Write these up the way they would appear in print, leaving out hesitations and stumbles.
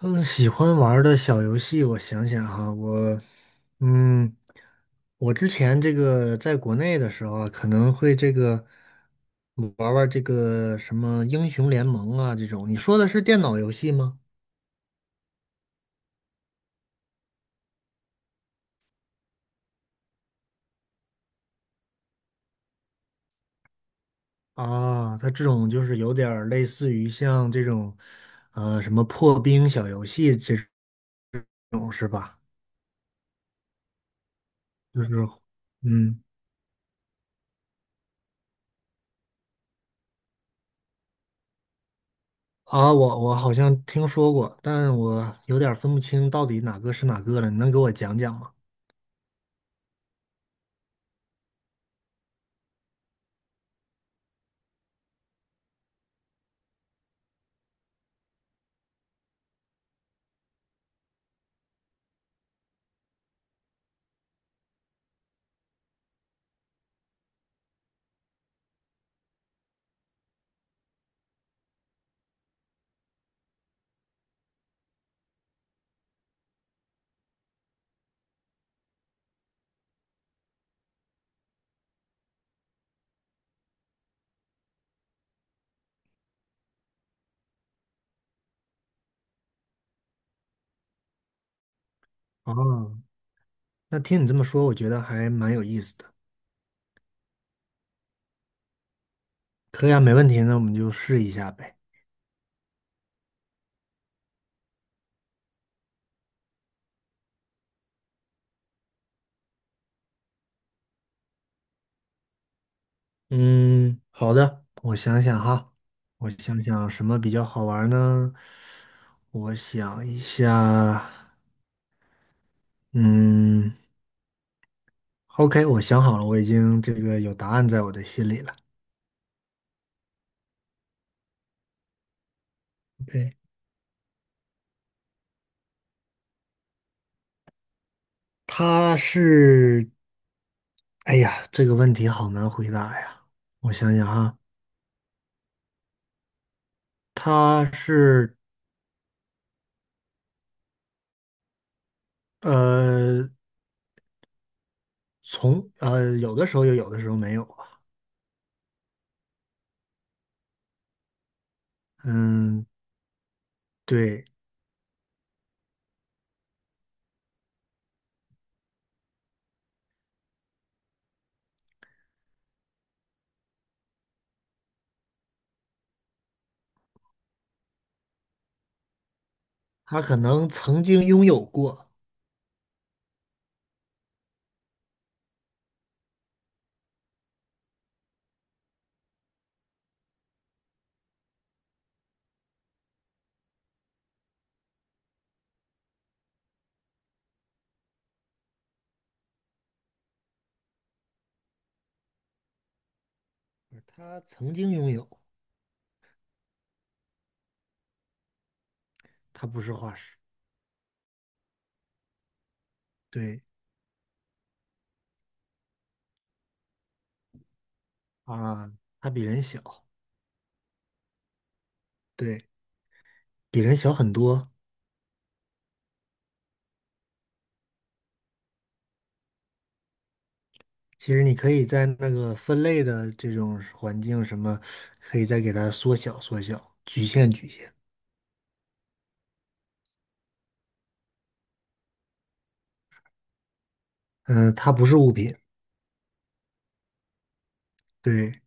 嗯，喜欢玩儿的小游戏，我想想哈，嗯，我之前这个在国内的时候啊，可能会这个玩玩这个什么英雄联盟啊这种。你说的是电脑游戏吗？啊，它这种就是有点儿类似于像这种，什么破冰小游戏这种是吧？就是，嗯，啊，我好像听说过，但我有点儿分不清到底哪个是哪个了，你能给我讲讲吗？啊。那听你这么说，我觉得还蛮有意思的。可以啊，没问题，那我们就试一下呗。嗯，好的，我想想哈，我想想什么比较好玩儿呢？我想一下，嗯，OK，我想好了，我已经这个有答案在我的心里了。对，他是，哎呀，这个问题好难回答呀。我想想哈，他是呃，从有的时候有，有的时候没有吧。嗯，对。他可能曾经拥有过，他曾经拥有，他不是化石。对啊，他比人小，对，比人小很多。其实你可以在那个分类的这种环境什么，可以再给它缩小缩小，局限局限。嗯、它不是物品，对，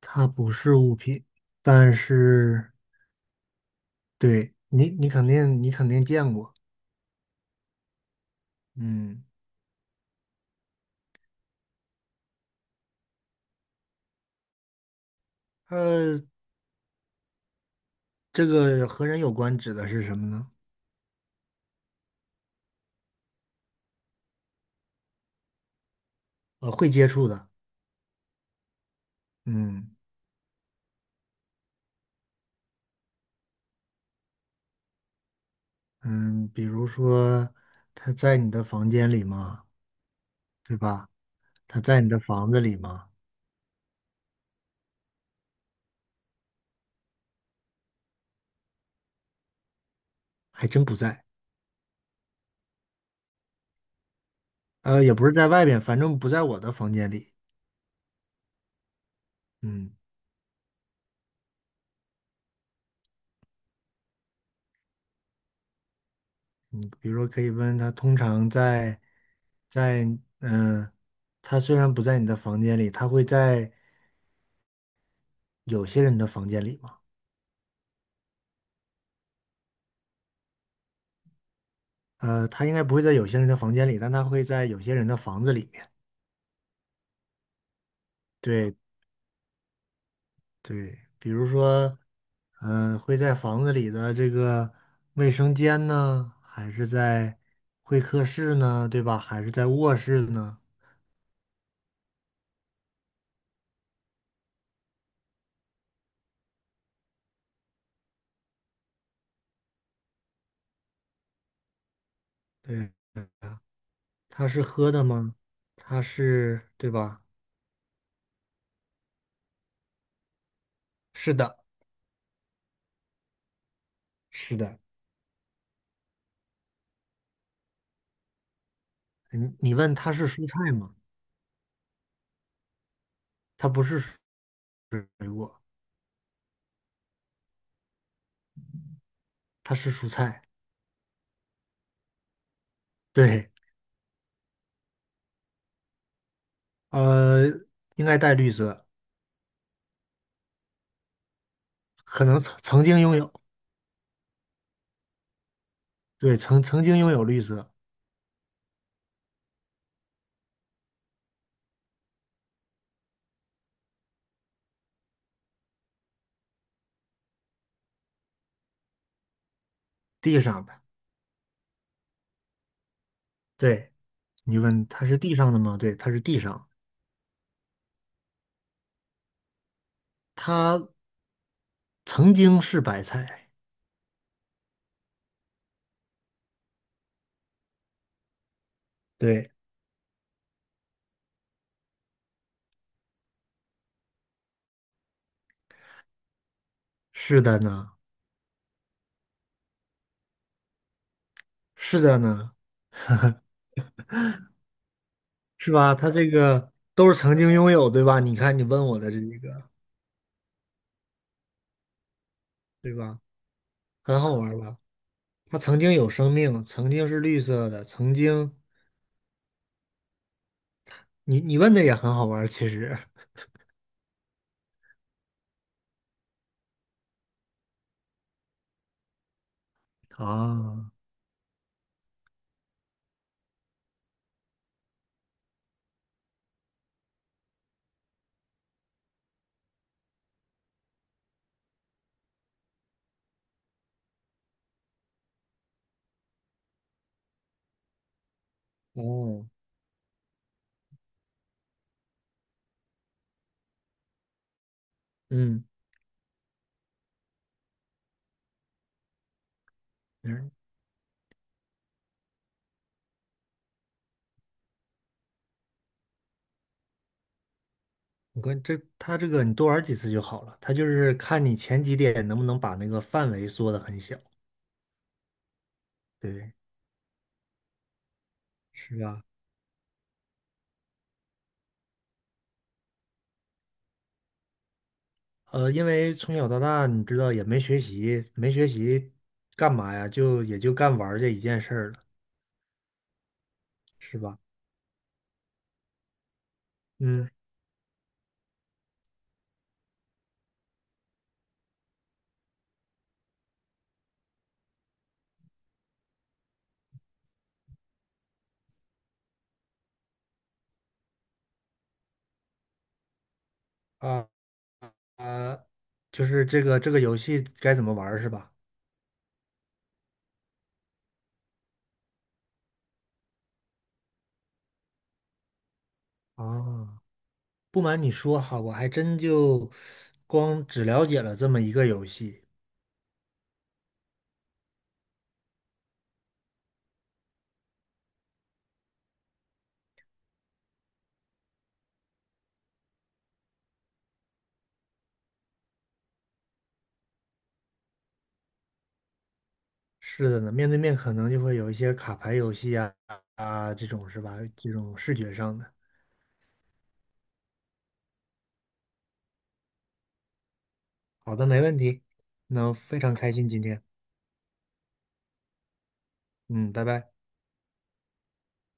它不是物品，但是对你，你肯定见过。嗯，呃，这个和人有关指的是什么呢？会接触的。嗯。嗯，比如说他在你的房间里吗？对吧？他在你的房子里吗？还真不在。也不是在外边，反正不在我的房间里。嗯，比如说可以问他，通常在嗯，呃他虽然不在你的房间里，他会在有些人的房间里吗？他应该不会在有些人的房间里，但他会在有些人的房子里面。对，对，比如说，嗯、会在房子里的这个卫生间呢，还是在会客室呢，对吧？还是在卧室呢？对，它是喝的吗？它是，对吧？是的，是的。你问它是蔬菜吗？它不是水果，它是蔬菜。对，呃，应该带绿色，可能曾经拥有，对，曾经拥有绿色，地上的。对，你问它是地上的吗？对，它是地上。它曾经是白菜。对，是的呢，是的呢，是吧？它这个都是曾经拥有，对吧？你看你问我的这几个，对吧？很好玩儿吧？它曾经有生命，曾经是绿色的，曾经你问的也很好玩儿其实。啊，哦，嗯嗯，你关这它这个你多玩几次就好了，它就是看你前几点能不能把那个范围缩得很小，对，是吧？因为从小到大，你知道也没学习，没学习干嘛呀？就也就干玩儿这一件事儿了，是吧？嗯啊啊，就是这个游戏该怎么玩儿是吧？啊，不瞒你说哈，我还真就光只了解了这么一个游戏。是的呢，面对面可能就会有一些卡牌游戏啊啊这种是吧？这种视觉上的。好的，没问题。那非常开心今天，嗯，拜拜。